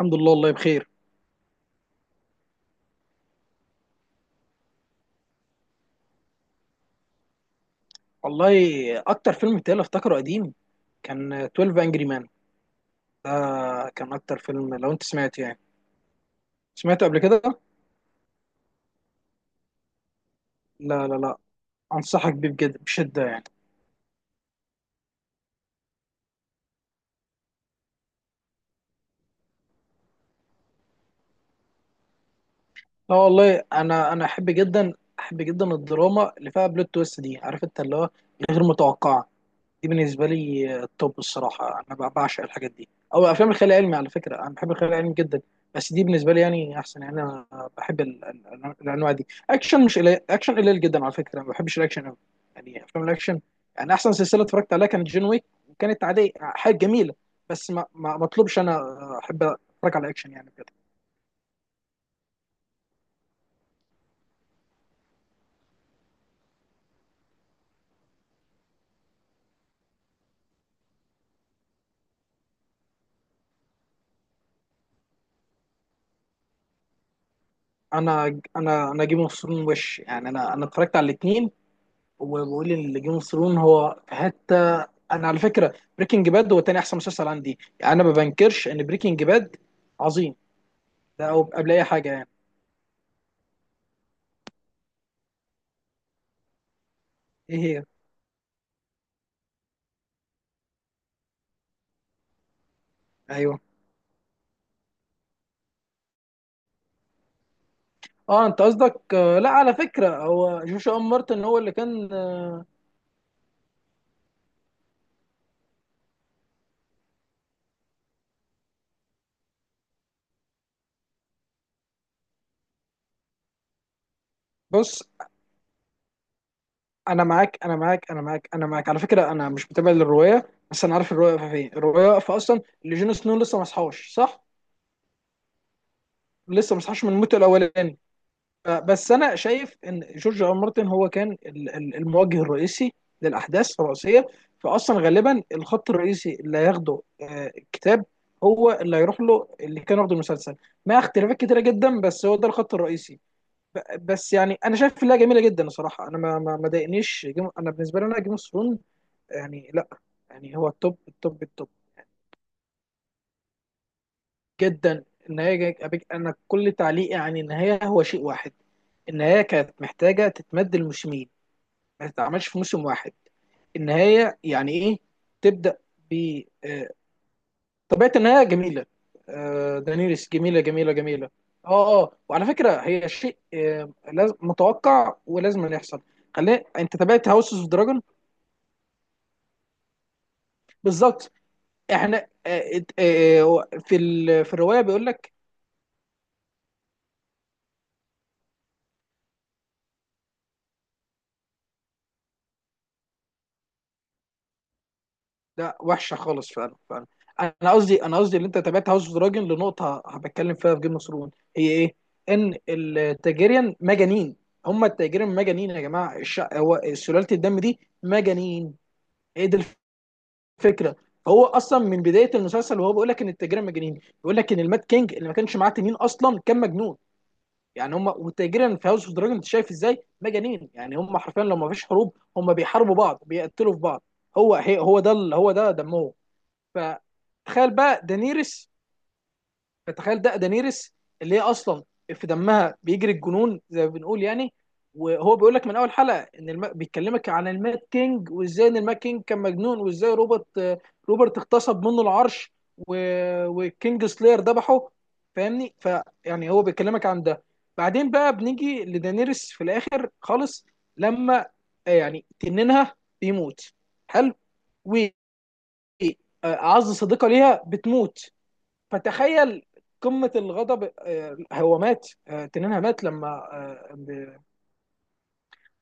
الحمد لله، والله بخير. والله، اكتر فيلم بتاعي افتكره قديم كان 12 انجري مان. ده كان اكتر فيلم، لو انت سمعت يعني سمعته قبل كده. لا لا لا، انصحك بيه بجد بشده يعني. لا والله، انا احب جدا، احب جدا الدراما اللي فيها بلوت تويست دي، عارف انت اللي هو غير متوقعه. دي بالنسبه لي التوب الصراحه. انا بعشق الحاجات دي، او افلام الخيال العلمي. على فكره انا بحب الخيال العلمي جدا، بس دي بالنسبه لي يعني احسن. يعني انا بحب الانواع دي. اكشن مش قليل، اكشن قليل جدا على فكره، ما بحبش الاكشن قوي يعني افلام الاكشن. يعني احسن سلسله اتفرجت عليها كانت جون ويك، وكانت عاديه، حاجه جميله. بس ما اطلبش، انا احب اتفرج على اكشن يعني بجد. انا جيم اوف ثرون. وش يعني؟ انا اتفرجت على الاثنين، وبقول ان جيم اوف ثرون هو في حته. انا على فكره بريكنج باد هو تاني احسن مسلسل عندي. يعني انا ما بنكرش ان بريكنج باد عظيم، ده او قبل اي حاجه يعني. ايه هي؟ ايوه. اه، انت قصدك لا، على فكره هو جوشوا ام مارتن هو اللي كان. بص، انا معاك انا معاك انا معاك انا معاك، على فكره انا مش متابع للروايه، بس انا عارف الروايه واقفه فين. الروايه واقفه اصلا اللي جون سنو لسه ما صحاش، صح؟ لسه ما صحاش من موته الاولاني. بس انا شايف ان جورج ار مارتن هو كان الموجه الرئيسي للاحداث الرئيسيه. فاصلا غالبا الخط الرئيسي اللي هياخده الكتاب هو اللي هيروح له، اللي كان واخده المسلسل، مع اختلافات كتيره جدا، بس هو ده الخط الرئيسي. بس يعني انا شايف انها جميله جدا الصراحه. انا ما ضايقنيش، انا بالنسبه لي، انا جيم اوف ثرونز يعني، لا يعني، هو التوب التوب التوب. جدا. النهايه انا كل تعليقي عن النهايه هو شيء واحد: النهايه كانت محتاجه تتمد الموسمين، ما تتعملش في موسم واحد. النهايه يعني ايه؟ تبدا ب طبيعه النهايه جميله. دانيريس جميله جميله جميله. اه اه، وعلى فكره هي شيء متوقع ولازم أن يحصل. خلينا، انت تابعت هاوس اوف دراجون؟ بالظبط. احنا في في الروايه بيقول لك. لا، وحشه خالص فعلا فعلا. انا قصدي، انا قصدي، اللي انت تابعت هاوس اوف دراجون لنقطه هبتكلم فيها في جيم اوف ثرون، هي ايه؟ ان التاجيريان مجانين. هم التاجيريان مجانين يا جماعه، هو سلاله الدم دي مجانين. ايه دي الفكره؟ هو اصلا من بدايه المسلسل وهو بيقول لك ان التاجيريان مجانين، بيقول لك ان المات كينج اللي ما كانش معاه تنين اصلا كان مجنون. يعني هم والتاجيريان في هاوس اوف دراجون، انت شايف ازاي؟ مجانين يعني. هم حرفيا لما فيش حروب هم بيحاربوا بعض، بيقتلوا في بعض. هو هي هو ده ال- هو ده دمهم. فتخيل بقى دانيرس، فتخيل ده دانيرس اللي هي اصلا في دمها بيجري الجنون زي ما بنقول يعني. وهو بيقول لك من اول حلقه ان بيتكلمك عن المات كينج، وازاي ان المات كينج كان مجنون، وازاي روبرت، روبرت اغتصب منه العرش، و... وكينج سلاير ذبحه. فاهمني؟ فيعني هو بيكلمك عن ده. بعدين بقى بنيجي لدانيرس في الاخر خالص، لما يعني تنينها بيموت. حلو، وعز صديقه ليها بتموت، فتخيل قمه الغضب. هو مات، تنينها مات لما اه ب-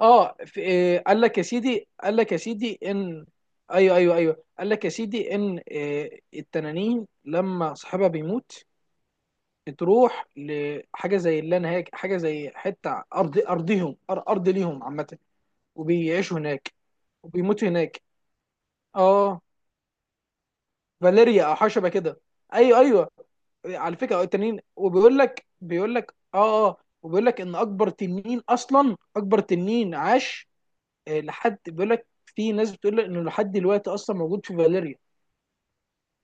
آه، في- آه، قال لك يا سيدي، قال لك يا سيدي ان... ايوه ايوه ايوه، قال لك يا سيدي ان التنانين لما صاحبها بيموت بتروح لحاجه زي اللا نهايه، حاجه زي حته ارض، ارضهم، ارض ليهم عامه، وبيعيشوا هناك وبيموتوا هناك. اه، فاليريا او حاجه شبه كده. ايوه ايوه، على فكره أه تنين. وبيقول لك بيقول لك اه اه، وبيقول لك ان اكبر تنين اصلا، اكبر تنين عاش. لحد، بيقول لك في ناس بتقول لك انه لحد دلوقتي اصلا موجود في فاليريا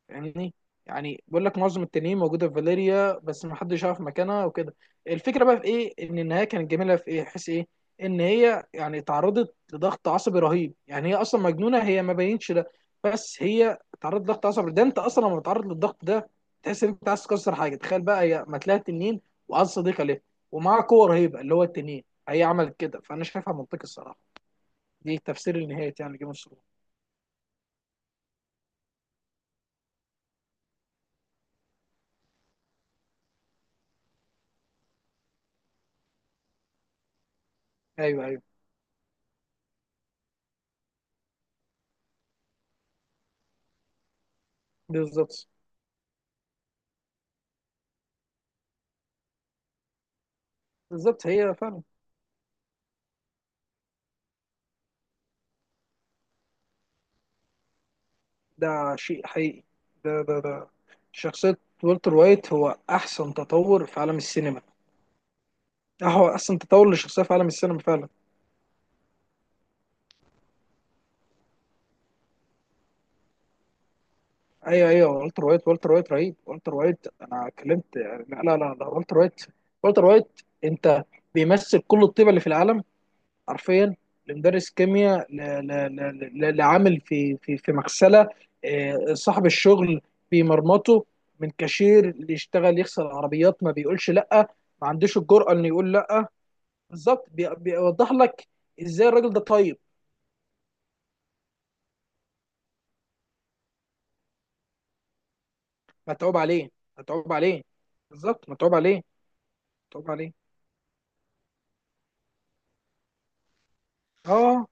يعني. يعني بيقول لك معظم التنين موجوده في فاليريا، بس ما حدش يعرف مكانها وكده. الفكره بقى في ايه، ان النهايه كانت جميله في ايه، حيث ايه ان هي يعني تعرضت لضغط عصبي رهيب. يعني هي اصلا مجنونه، هي ما بينتش ده، بس هي تعرضت لضغط عصبي. ده انت اصلا لما بتتعرض للضغط ده تحس ان انت عايز تكسر حاجه. تخيل بقى هي ما تلاقي تنين وعايز صديقه ليه، ومعاها قوه رهيبه اللي هو التنين، هي عملت كده. فانا شايفها منطقي الصراحه. دي تفسير النهايه يعني جيم اوف ثرونز. ايوه ايوه بالظبط. بالظبط هي فعلا. ده شيء حقيقي، ده، شخصية والتر وايت هو أحسن تطور في عالم السينما. ده هو أحسن تطور لشخصية في عالم السينما فعلا. أيوه أيوه، والتر وايت، والتر وايت رهيب. والتر وايت أنا اتكلمت يعني، لا لا لا، ده والتر وايت. والتر وايت أنت بيمثل كل الطيبة اللي في العالم حرفيا. لمدرس كيمياء، لعامل في مغسلة. صاحب الشغل بيمرمطه، من كاشير اللي يشتغل يغسل عربيات، ما بيقولش لأ، ما عندوش الجرأة إنه يقول لأ. بالظبط، بيوضح لك ازاي الراجل ده طيب. متعوب عليه متعوب عليه. بالظبط، متعوب عليه متعوب عليه. اه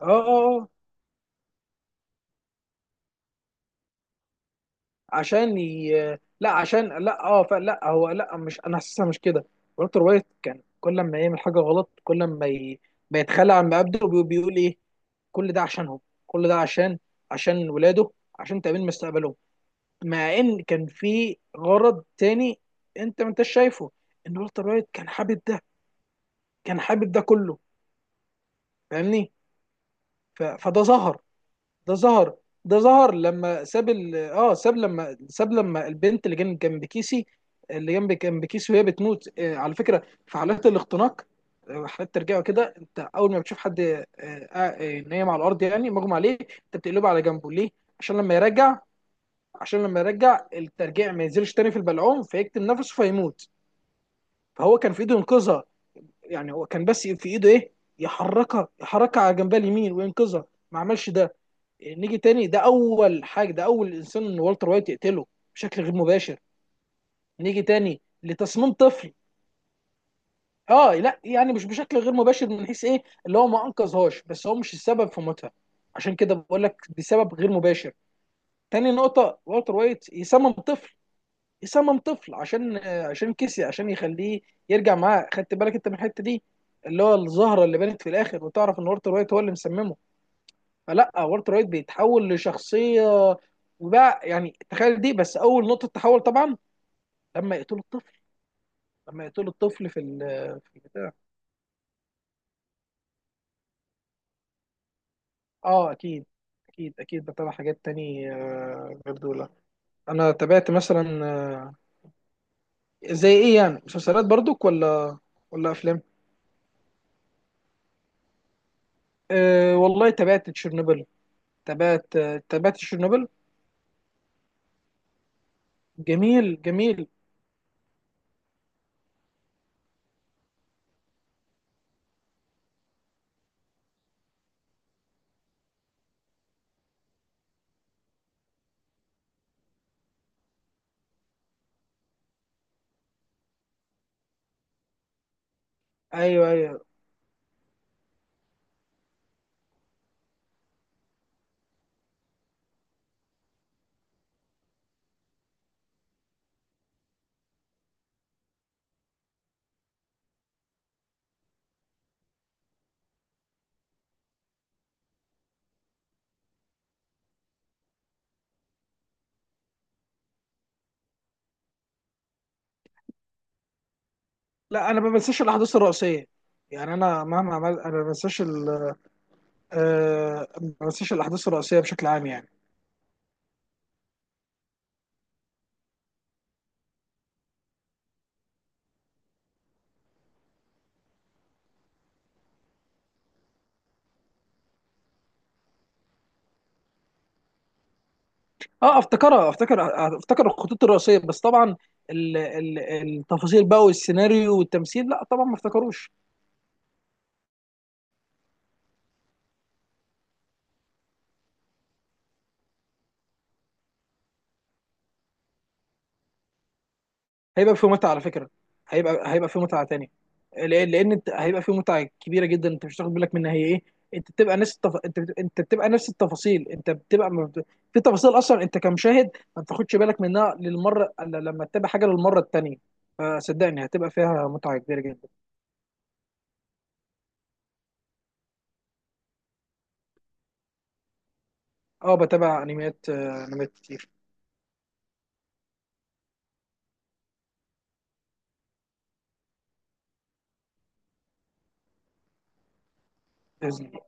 اه اه اه، عشان لا عشان لا اه فلا هو لا مش، انا حاسسها مش كده. والتر وايت كان كل ما يعمل حاجه غلط، كل ما ما يتخلى عن مبادئه بيقول ايه، كل ده عشانهم، كل ده عشان ولاده، عشان تامين مستقبلهم. مع ان كان في غرض تاني، انت ما انتش شايفه ان والتر وايت كان حابب ده، كان حابب ده كله. فاهمني؟ فده ظهر، ده ظهر، ده ظهر لما ساب لما البنت اللي كانت جنب كيسي، اللي جنب جنب كيسي، وهي بتموت. آه، على فكره في حالات الاختناق حالات ترجعه كده، انت اول ما بتشوف حد نايم على الارض يعني مغمى عليه، انت بتقلبه على جنبه ليه؟ عشان لما يرجع، عشان لما يرجع الترجيع ما ينزلش تاني في البلعوم فيكتم نفسه فيموت. فهو كان في ايده ينقذها. يعني هو كان بس في ايده ايه، يحركها، يحركها على جنبها اليمين وينقذها، ما عملش ده. يعني نيجي تاني، ده اول حاجه، ده اول انسان ان والتر وايت يقتله بشكل غير مباشر. نيجي تاني لتصميم طفل. اه، لا يعني مش بشكل غير مباشر من حيث ايه اللي هو ما انقذهاش، بس هو مش السبب في موتها. عشان كده بقول لك بسبب غير مباشر. تاني نقطه، والتر وايت يصمم طفل، صمم طفل عشان، عشان كسي، عشان يخليه يرجع معاه. خدت بالك انت من الحته دي اللي هو الزهره اللي بانت في الاخر، وتعرف ان والتر وايت هو اللي مسممه. فلا والتر وايت بيتحول لشخصيه، وبقى يعني تخيل دي بس اول نقطه تحول طبعا لما يقتلوا الطفل، لما يقتلوا الطفل في في البتاع. اه اكيد، اكيد اكيد، بتابع حاجات تاني غير دول. انا تابعت مثلا زي ايه يعني، مسلسلات برضك ولا ولا افلام؟ أه والله تابعت تشيرنوبل. تبات تبات تشيرنوبل. جميل جميل. ايوه ايوه، لا انا ما بنساش الاحداث الرئيسيه، يعني انا مهما عملت انا ما بنساش ما بنساش الاحداث الرئيسيه بشكل عام يعني. اه افتكرها، افتكر الخطوط الرئيسيه، بس طبعا التفاصيل بقى والسيناريو والتمثيل لا طبعا ما افتكروش. هيبقى فيه متعه على فكره. هيبقى فيه متعه تانية. لان انت هيبقى فيه متعه كبيره جدا انت مش هتاخد بالك منها هي ايه. انت بتبقى نفس التفاصيل، انت بتبقى ما بت... في تفاصيل اصلا انت كمشاهد ما بتاخدش بالك منها للمره، الا لما تتابع حاجه للمره التانية. فصدقني هتبقى فيها متعه كبيره جدا. اه بتابع انميات، انميات كتير. باذن الله.